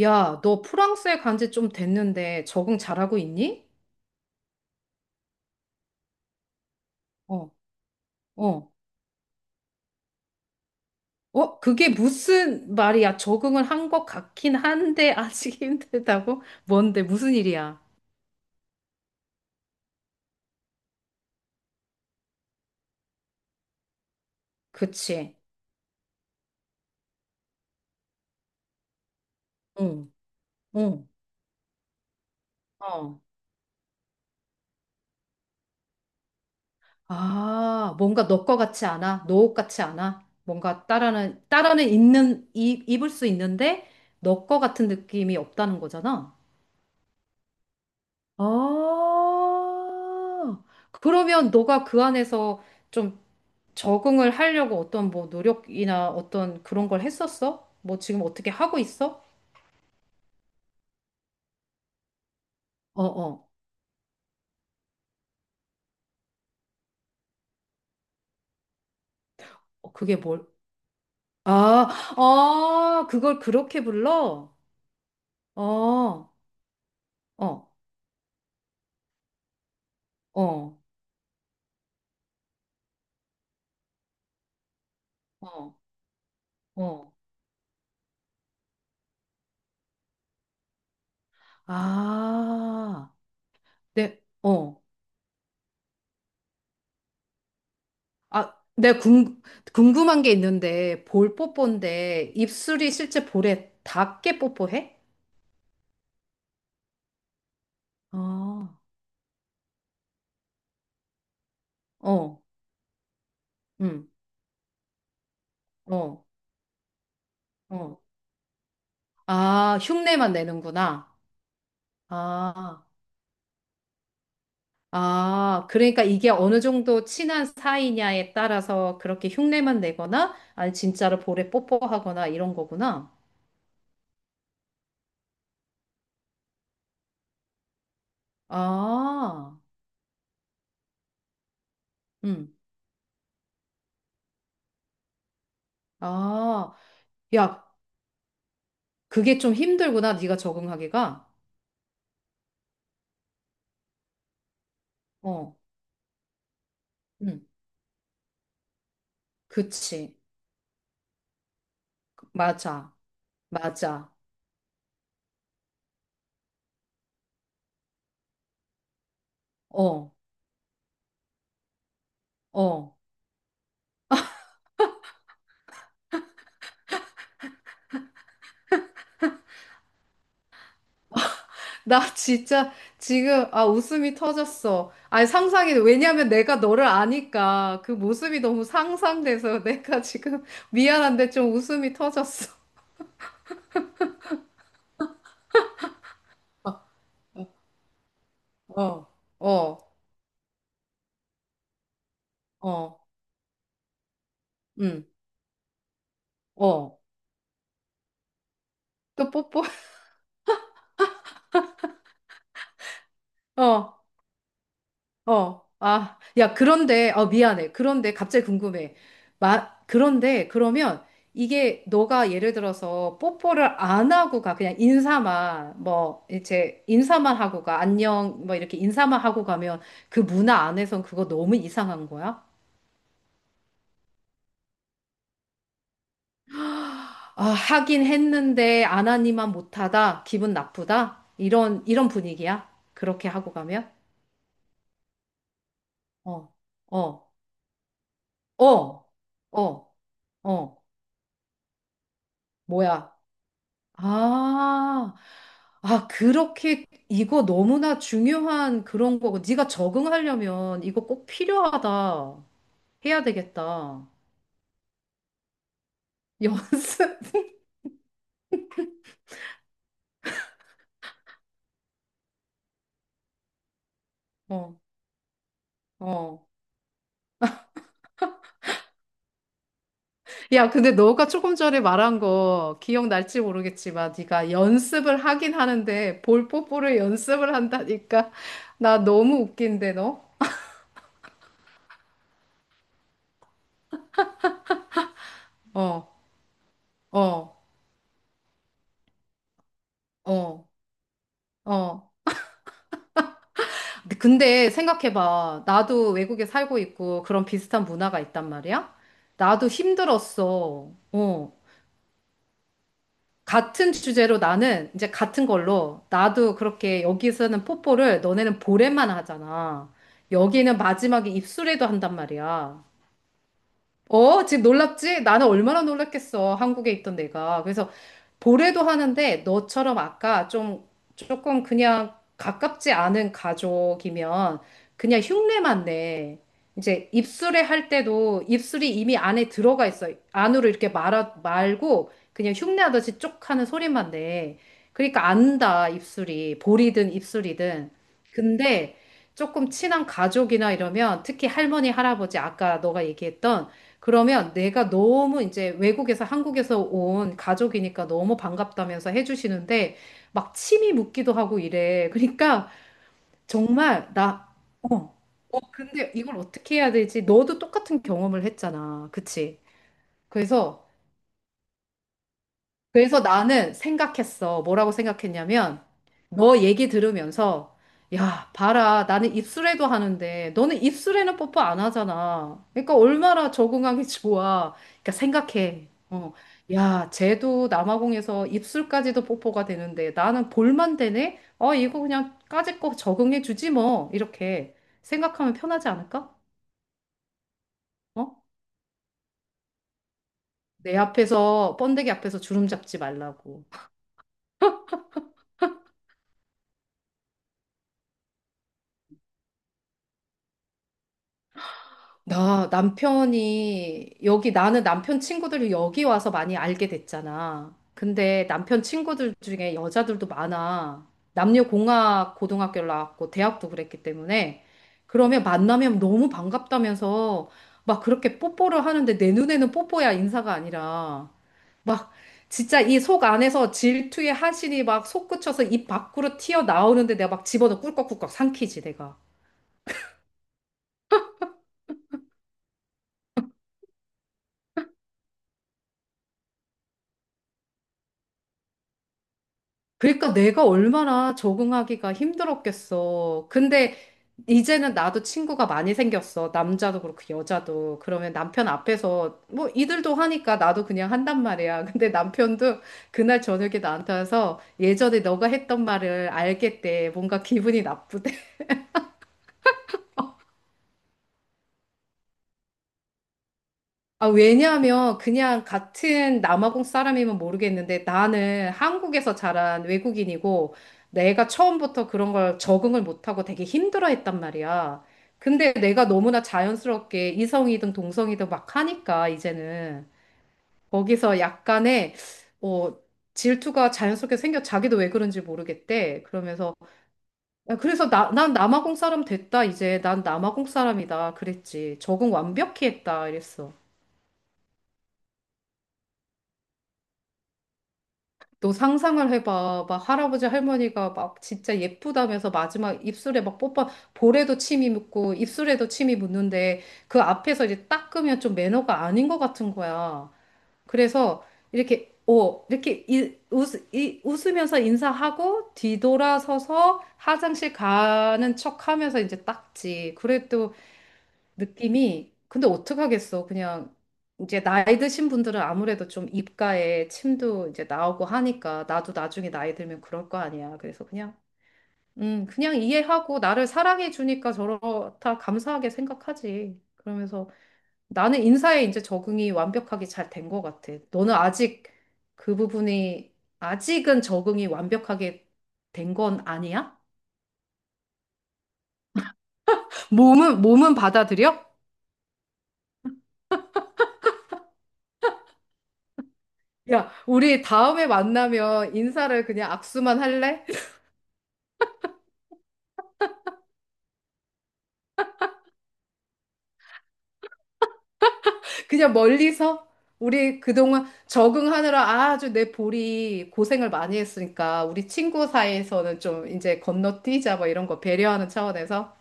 야, 너 프랑스에 간지 좀 됐는데 적응 잘하고 있니? 어, 어, 어, 그게 무슨 말이야? 적응을 한 것 같긴 한데 아직 힘들다고? 뭔데? 무슨 일이야? 그치? 응, 응, 어. 아, 뭔가 너 거 같지 않아? 너 옷 같지 않아? 뭔가 따라는 있는, 입 입을 수 있는데 너 거 같은 느낌이 없다는 거잖아? 아, 그러면 너가 그 안에서 좀 적응을 하려고 어떤 뭐 노력이나 어떤 그런 걸 했었어? 뭐 지금 어떻게 하고 있어? 어, 어. 어, 그게 뭘? 아, 아, 그걸 그렇게 불러? 어, 어, 어, 어, 어. 아, 네, 어. 아, 궁금한 게 있는데, 볼 뽀뽀인데, 입술이 실제 볼에 닿게 뽀뽀해? 아, 어, 응, 어, 어. 아, 흉내만 내는구나. 아. 아, 그러니까 이게 어느 정도 친한 사이냐에 따라서 그렇게 흉내만 내거나, 아니, 진짜로 볼에 뽀뽀하거나 이런 거구나. 아, 음, 아, 야, 그게 좀 힘들구나, 네가 적응하기가. 어, 음, 그치. 맞아, 맞아. 어, 어. 나 진짜 지금, 아, 웃음이 터졌어. 아니, 상상이, 왜냐면 내가 너를 아니까 그 모습이 너무 상상돼서 내가 지금 미안한데 좀 웃음이 터졌어. 어, 어, 어, 응, 어. 또 뽀뽀? 어, 어. 아, 야, 그런데, 어, 미안해. 그런데 갑자기 궁금해. 그런데, 그러면 이게 너가 예를 들어서 뽀뽀를 안 하고 가. 그냥 인사만, 뭐, 이제 인사만 하고 가. 안녕, 뭐, 이렇게 인사만 하고 가면 그 문화 안에선 그거 너무 이상한 거야? 아, 하긴 했는데 안 하니만 못하다. 기분 나쁘다. 이런 분위기야. 그렇게 하고 가면? 어, 어. 어, 어, 어, 뭐야. 아, 아, 그렇게 이거 너무나 중요한 그런 거고. 네가 적응하려면 이거 꼭 필요하다. 해야 되겠다. 연습. 어, 어. 야, 근데 너가 조금 전에 말한 거 기억날지 모르겠지만 네가 연습을 하긴 하는데 볼 뽀뽀를 연습을 한다니까. 나 너무 웃긴데 너? 어, 어, 어, 어. 근데 생각해봐. 나도 외국에 살고 있고 그런 비슷한 문화가 있단 말이야. 나도 힘들었어. 어. 같은 주제로 나는 이제 같은 걸로 나도 그렇게 여기서는 뽀뽀를 너네는 볼에만 하잖아. 여기는 마지막에 입술에도 한단 말이야. 어, 지금 놀랍지? 나는 얼마나 놀랐겠어. 한국에 있던 내가. 그래서 보래도 하는데 너처럼 아까 좀 조금 그냥 가깝지 않은 가족이면 그냥 흉내만 내. 이제 입술에 할 때도 입술이 이미 안에 들어가 있어. 안으로 이렇게 말아 말고 그냥 흉내하듯이 쪽 하는 소리만 내. 그러니까 안다, 입술이. 볼이든 입술이든. 근데 조금 친한 가족이나 이러면 특히 할머니, 할아버지 아까 너가 얘기했던 그러면 내가 너무 이제 외국에서 한국에서 온 가족이니까 너무 반갑다면서 해주시는데 막 침이 묻기도 하고 이래. 그러니까 정말 나, 어, 근데 이걸 어떻게 해야 되지? 너도 똑같은 경험을 했잖아. 그치? 그래서 그래서 나는 생각했어. 뭐라고 생각했냐면, 너 얘기 들으면서, 야, 봐라. 나는 입술에도 하는데, 너는 입술에는 뽀뽀 안 하잖아. 그러니까 얼마나 적응하기 좋아. 그러니까 생각해. 어. 야, 쟤도 남아공에서 입술까지도 뽀뽀가 되는데, 나는 볼만 되네? 어, 이거 그냥 까짓 거 적응해 주지 뭐. 이렇게 생각하면 편하지 않을까? 어? 내 앞에서, 번데기 앞에서 주름 잡지 말라고. 나 남편이 여기 나는 남편 친구들이 여기 와서 많이 알게 됐잖아. 근데 남편 친구들 중에 여자들도 많아. 남녀공학 고등학교를 나왔고 대학도 그랬기 때문에 그러면 만나면 너무 반갑다면서 막 그렇게 뽀뽀를 하는데 내 눈에는 뽀뽀야 인사가 아니라 막 진짜 이 속 안에서 질투의 하신이 막 솟구쳐서 입 밖으로 튀어나오는데 내가 막 집어넣고 꿀꺽꿀꺽 삼키지 내가. 그러니까 내가 얼마나 적응하기가 힘들었겠어. 근데 이제는 나도 친구가 많이 생겼어. 남자도 그렇고 여자도. 그러면 남편 앞에서 뭐 이들도 하니까 나도 그냥 한단 말이야. 근데 남편도 그날 저녁에 나한테 와서 예전에 너가 했던 말을 알겠대. 뭔가 기분이 나쁘대. 아, 왜냐하면 그냥 같은 남아공 사람이면 모르겠는데 나는 한국에서 자란 외국인이고 내가 처음부터 그런 걸 적응을 못하고 되게 힘들어 했단 말이야. 근데 내가 너무나 자연스럽게 이성이든 동성이든 막 하니까 이제는 거기서 약간의 어, 질투가 자연스럽게 생겨 자기도 왜 그런지 모르겠대. 그러면서 야, 그래서 난 남아공 사람 됐다 이제 난 남아공 사람이다 그랬지. 적응 완벽히 했다 이랬어. 너 상상을 해봐. 막 할아버지 할머니가 막 진짜 예쁘다면서 마지막 입술에 막 뽀뽀, 볼에도 침이 묻고 입술에도 침이 묻는데 그 앞에서 이제 닦으면 좀 매너가 아닌 것 같은 거야. 그래서 이렇게 웃으면서 인사하고 뒤돌아서서 화장실 가는 척 하면서 이제 닦지. 그래도 느낌이 근데 어떡하겠어. 그냥 이제 나이 드신 분들은 아무래도 좀 입가에 침도 이제 나오고 하니까 나도 나중에 나이 들면 그럴 거 아니야. 그래서 그냥 그냥 이해하고 나를 사랑해 주니까 저렇다 감사하게 생각하지. 그러면서 나는 인사에 이제 적응이 완벽하게 잘 된 것 같아. 너는 아직 그 부분이 아직은 적응이 완벽하게 된 건 아니야? 몸은 받아들여? 야, 우리 다음에 만나면 인사를 그냥 악수만 할래? 그냥 멀리서? 우리 그동안 적응하느라 아주 내 볼이 고생을 많이 했으니까 우리 친구 사이에서는 좀 이제 건너뛰자 뭐 이런 거 배려하는 차원에서.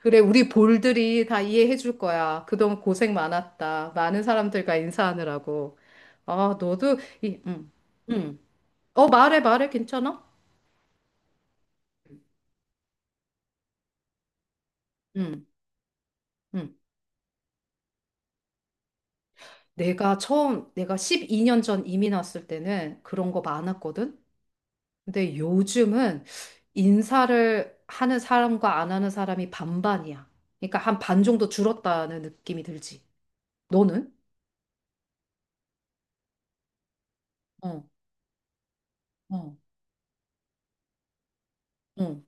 그래, 우리 볼들이 다 이해해 줄 거야. 그동안 고생 많았다. 많은 사람들과 인사하느라고. 아, 너도 이 음. 어, 말해, 말해. 괜찮아? 음. 음. 내가 12년 전 이민 왔을 때는 그런 거 많았거든? 근데 요즘은 인사를 하는 사람과 안 하는 사람이 반반이야. 그러니까 한 반 정도 줄었다는 느낌이 들지. 너는? 어, 어, 어.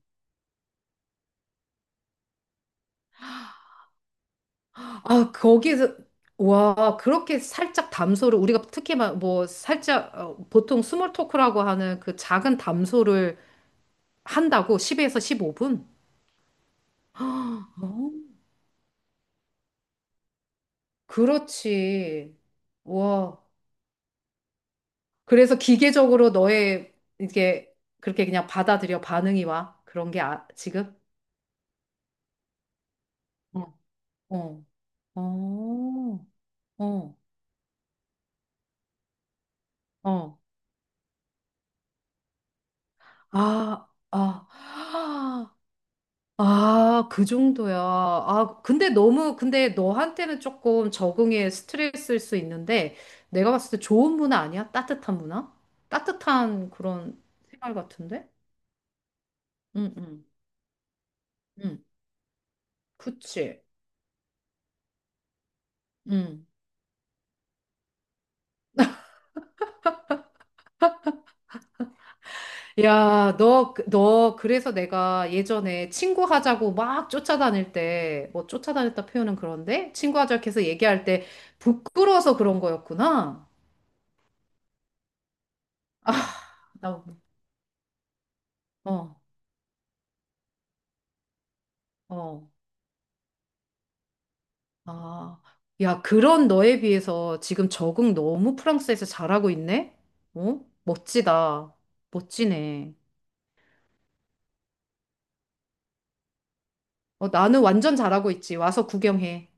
아, 거기에서, 와, 그렇게 살짝 담소를, 우리가 특히 막 뭐 살짝, 보통 스몰 토크라고 하는 그 작은 담소를 한다고 10에서 15분? 그렇지. 와. 그래서 기계적으로 너의 이게 그렇게 그냥 받아들여 반응이 와. 그런 게 아, 지금? 어, 어, 어, 어, 어. 아, 아, 아, 그 정도야. 아, 근데 너무, 근데 너한테는 조금 적응에 스트레스일 수 있는데 내가 봤을 때 좋은 문화 아니야? 따뜻한 문화? 따뜻한 그런 생활 같은데? 응, 응, 응. 그치. 응. 야, 너, 그래서 내가 예전에 친구 하자고 막 쫓아다닐 때, 뭐 쫓아다녔다 표현은 그런데? 친구 하자고 해서 얘기할 때 부끄러워서 그런 거였구나. 아, 나, 뭐, 어, 어, 아. 야, 그런 너에 비해서 지금 적응 너무 프랑스에서 잘하고 있네? 어? 멋지다. 멋지네. 어, 나는 완전 잘하고 있지. 와서 구경해.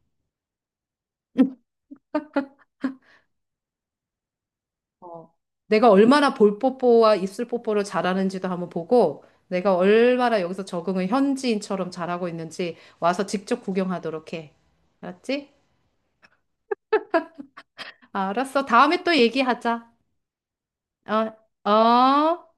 어, 내가 얼마나 볼 뽀뽀와 입술 뽀뽀를 잘하는지도 한번 보고, 내가 얼마나 여기서 적응을 현지인처럼 잘하고 있는지 와서 직접 구경하도록 해. 알았지? 알았어. 다음에 또 얘기하자. 어, 어.